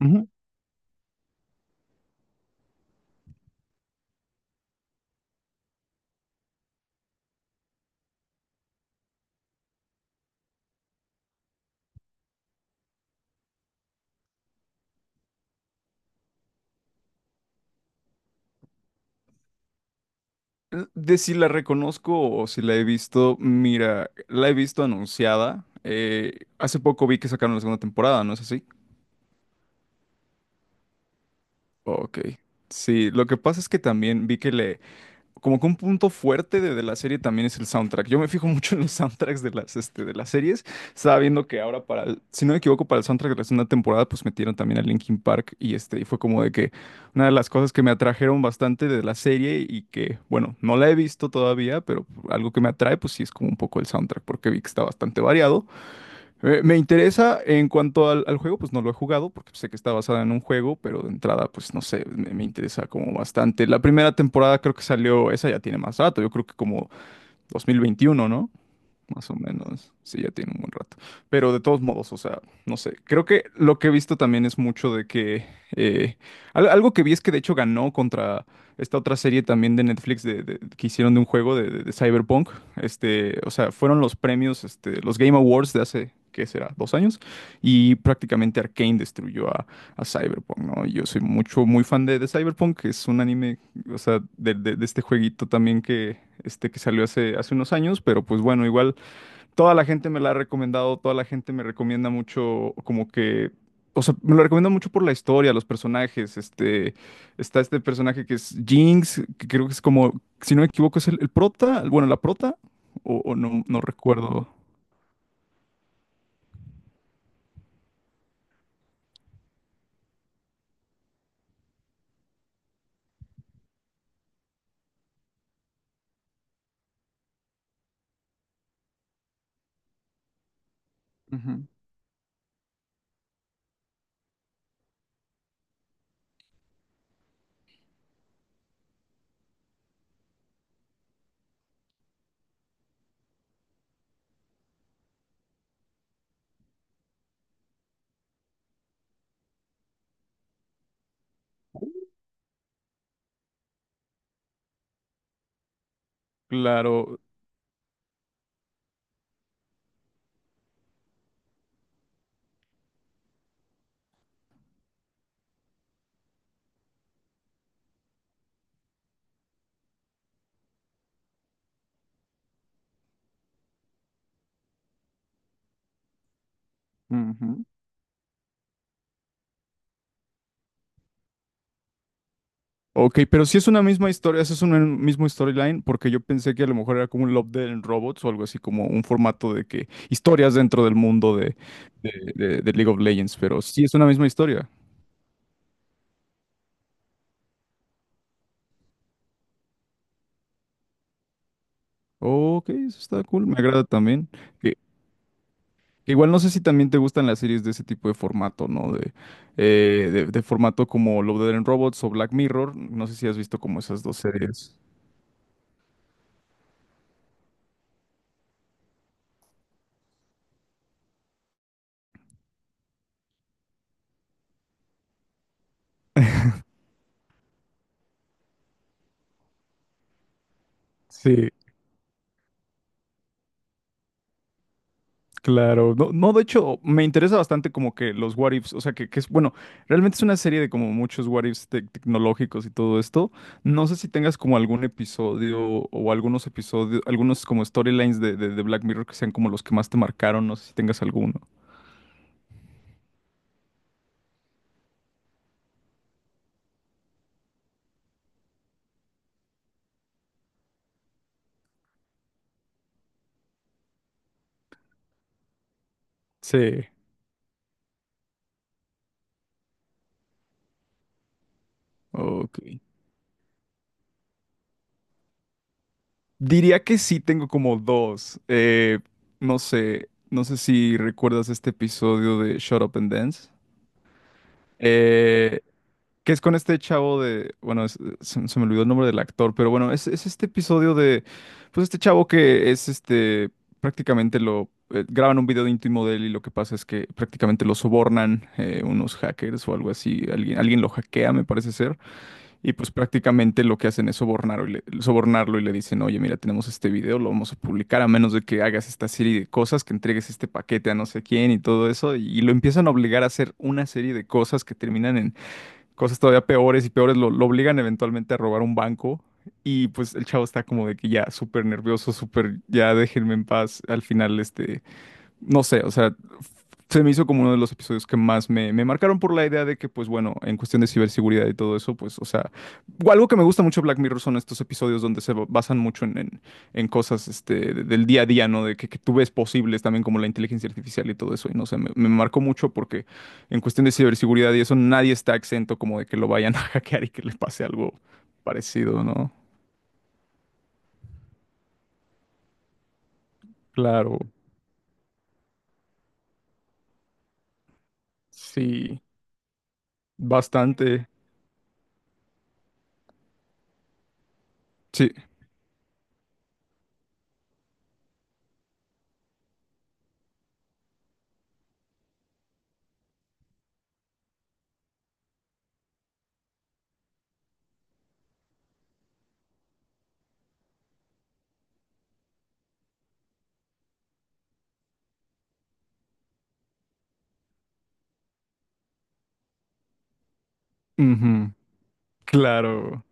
Ujú. De si la reconozco o si la he visto, mira, la he visto anunciada. Hace poco vi que sacaron la segunda temporada, ¿no es así? Ok. Sí, lo que pasa es que también vi que como que un punto fuerte de la serie también es el soundtrack. Yo me fijo mucho en los soundtracks de las series. Estaba viendo que ahora si no me equivoco, para el soundtrack de la segunda temporada, pues metieron también a Linkin Park y este, y fue como de que una de las cosas que me atrajeron bastante de la serie y que, bueno, no la he visto todavía, pero algo que me atrae, pues sí es como un poco el soundtrack, porque vi que está bastante variado. Me interesa en cuanto al juego, pues no lo he jugado porque sé que está basada en un juego, pero de entrada, pues no sé, me interesa como bastante. La primera temporada creo que salió, esa ya tiene más rato, yo creo que como 2021, ¿no? Más o menos, sí, ya tiene un buen rato. Pero de todos modos, o sea, no sé, creo que lo que he visto también es mucho de que… eh, algo que vi es que de hecho ganó contra esta otra serie también de Netflix que hicieron de un juego de Cyberpunk. Este, o sea, fueron los premios, este, los Game Awards de hace, ¿qué será? 2 años. Y prácticamente Arcane destruyó a Cyberpunk, ¿no? Yo soy mucho, muy fan de Cyberpunk, que es un anime, o sea, de este jueguito también que… Este que salió hace unos años, pero pues bueno, igual toda la gente me la ha recomendado, toda la gente me recomienda mucho, como que, o sea, me lo recomienda mucho por la historia, los personajes, este, está este personaje que es Jinx, que creo que es como, si no me equivoco, es el prota, bueno, la prota, o no, no recuerdo. Ujú. Claro. Ujú. Ok, pero si es una misma historia, si es un mismo storyline, porque yo pensé que a lo mejor era como un Love Dead and Robots o algo así, como un formato de que historias dentro del mundo de League of Legends, pero sí es una misma historia. Ok, eso está cool, me agrada también. Que, que igual no sé si también te gustan las series de ese tipo de formato, ¿no? De formato como Love, Death and Robots o Black Mirror. No sé si has visto como esas dos series. Sí, claro. No, no, de hecho, me interesa bastante como que los what ifs, o sea, que es, bueno, realmente es una serie de como muchos what ifs tecnológicos y todo esto. No sé si tengas como algún episodio o algunos episodios, algunos como storylines de Black Mirror que sean como los que más te marcaron, no sé si tengas alguno. Sí. Ok. Diría que sí tengo como dos. No sé si recuerdas este episodio de Shut Up and Dance, eh, que es con este chavo de, bueno, se me olvidó el nombre del actor, pero bueno, es este episodio de, pues este chavo que es este, prácticamente lo, graban un video íntimo de él y lo que pasa es que prácticamente lo sobornan unos hackers o algo así, alguien lo hackea, me parece ser. Y pues prácticamente lo que hacen es sobornarlo sobornarlo y le dicen, oye, mira, tenemos este video, lo vamos a publicar a menos de que hagas esta serie de cosas, que entregues este paquete a no sé quién y todo eso. Y lo empiezan a obligar a hacer una serie de cosas que terminan en cosas todavía peores y peores. Lo obligan eventualmente a robar un banco. Y pues el chavo está como de que ya súper nervioso, súper, ya déjenme en paz. Al final, este, no sé, o sea, se me hizo como uno de los episodios que más me marcaron por la idea de que, pues bueno, en cuestión de ciberseguridad y todo eso, pues, o sea, algo que me gusta mucho de Black Mirror son estos episodios donde basan mucho en, en cosas este, del día a día, ¿no? De que tú ves posibles también como la inteligencia artificial y todo eso. Y no sé, me marcó mucho porque en cuestión de ciberseguridad y eso, nadie está exento como de que lo vayan a hackear y que le pase algo parecido, ¿no? Claro, sí, bastante. Sí, ujú, claro.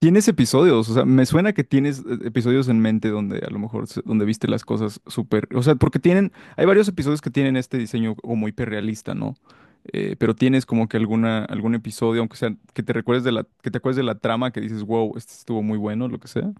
Tienes episodios, o sea, me suena que tienes episodios en mente donde a lo mejor donde viste las cosas súper, o sea, porque tienen, hay varios episodios que tienen este diseño como hiperrealista, ¿no? Pero tienes como que alguna, algún episodio, aunque sea que te recuerdes de que te acuerdes de la trama, que dices, wow, este estuvo muy bueno, lo que sea.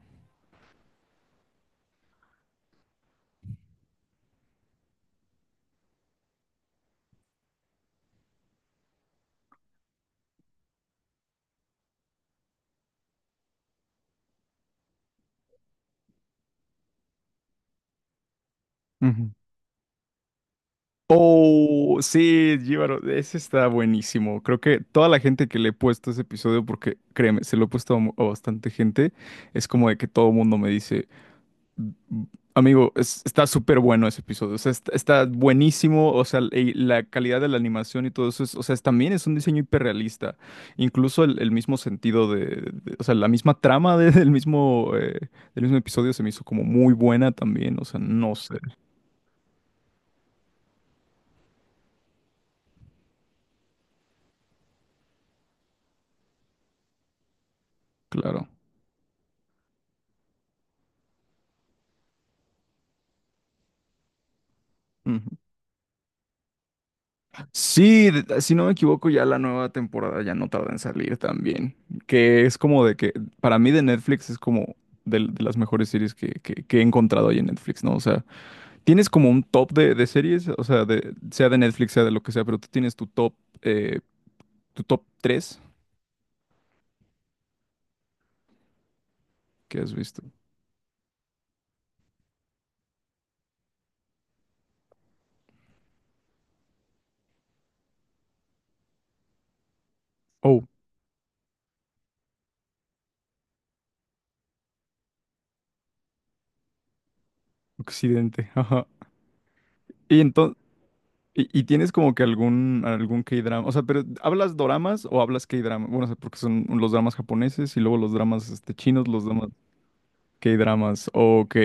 Ujú. Oh, sí, Jíbaro, ese está buenísimo. Creo que toda la gente que le he puesto ese episodio, porque créeme, se lo he puesto a, a bastante gente, es como de que todo el mundo me dice: "Mm, amigo, está súper bueno ese episodio, o sea, está buenísimo, o sea, y la calidad de la animación y todo eso, o sea, también es un diseño hiperrealista, incluso el mismo sentido o sea, la misma trama del mismo episodio se me hizo como muy buena también, o sea, no sé, claro". Sí, si no me equivoco, ya la nueva temporada ya no tarda en salir también. Que es como de que, para mí de Netflix es como de las mejores series que, que he encontrado ahí en Netflix, ¿no? O sea, tienes como un top de series, o sea de Netflix, sea de lo que sea, pero tú tienes eh, tu top tres que has visto. Oh, Occidente, ajá. Y entonces, y tienes como que algún, K-drama, o sea, pero ¿hablas doramas o hablas K-drama? Bueno, o sea, porque son los dramas japoneses y luego los dramas este, chinos, los dramas… K-dramas, ok.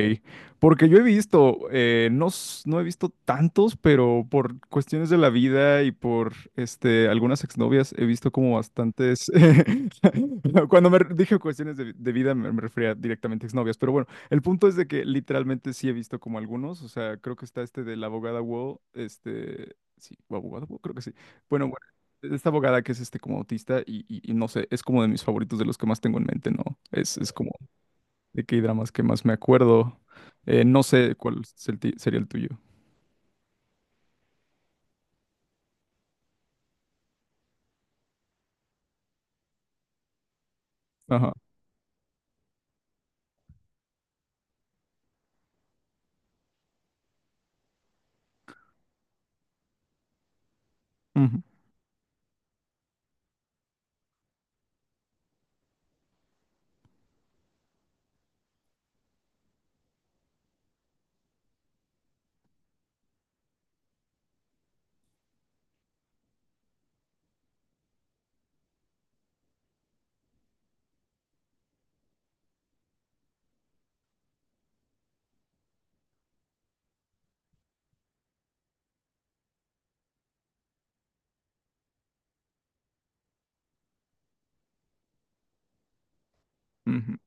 Porque yo he visto, no, no he visto tantos, pero por cuestiones de la vida y por este, algunas exnovias he visto como bastantes. Cuando dije cuestiones de vida me refería directamente a exnovias, pero bueno, el punto es de que literalmente sí he visto como algunos, o sea, creo que está este de la abogada Wall, este, sí, abogada Wall, creo que sí. Bueno, bueno, esta abogada que es este como autista y no sé, es como de mis favoritos, de los que más tengo en mente, ¿no? Es como de K-dramas que más me acuerdo. No sé cuál es sería el tuyo. Ajá. Ujú, ujú.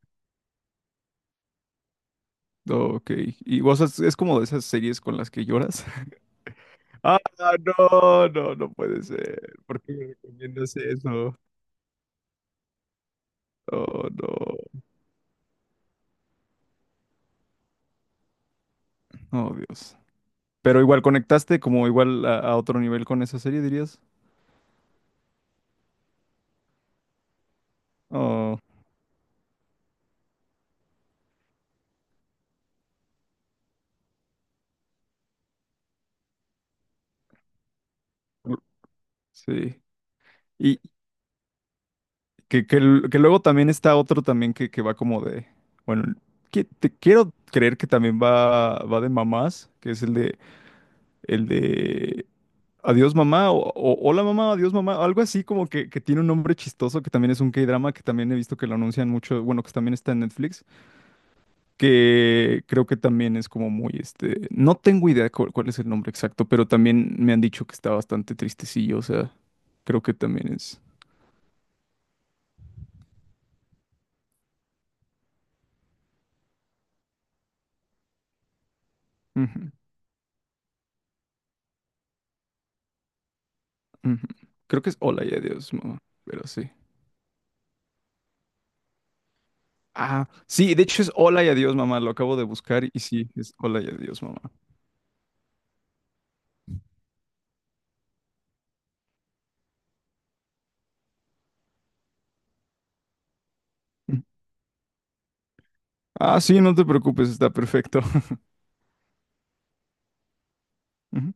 Ok. ¿Y vos es como de esas series con las que lloras? Ah, no, no, no puede ser. ¿Por qué me recomiendas eso? Oh, no. Oh, Dios. Pero igual conectaste como igual a otro nivel con esa serie, dirías. Oh, sí. Y, que luego también está otro también que va como de, bueno, que te quiero creer que también va de mamás, que es el de Adiós mamá, o Hola mamá, adiós mamá, algo así como que tiene un nombre chistoso, que también es un K-drama, que también he visto que lo anuncian mucho, bueno, que también está en Netflix, que creo que también es como muy, este, no tengo idea cuál es el nombre exacto, pero también me han dicho que está bastante tristecillo, o sea, creo que también es. Ujú. Creo que es Hola y Adiós, mamá. Pero sí. Ah, sí, de hecho es Hola y Adiós, mamá. Lo acabo de buscar y sí, es Hola y Adiós, mamá. Ujú. Ah, sí, no te preocupes, está perfecto. Ujú.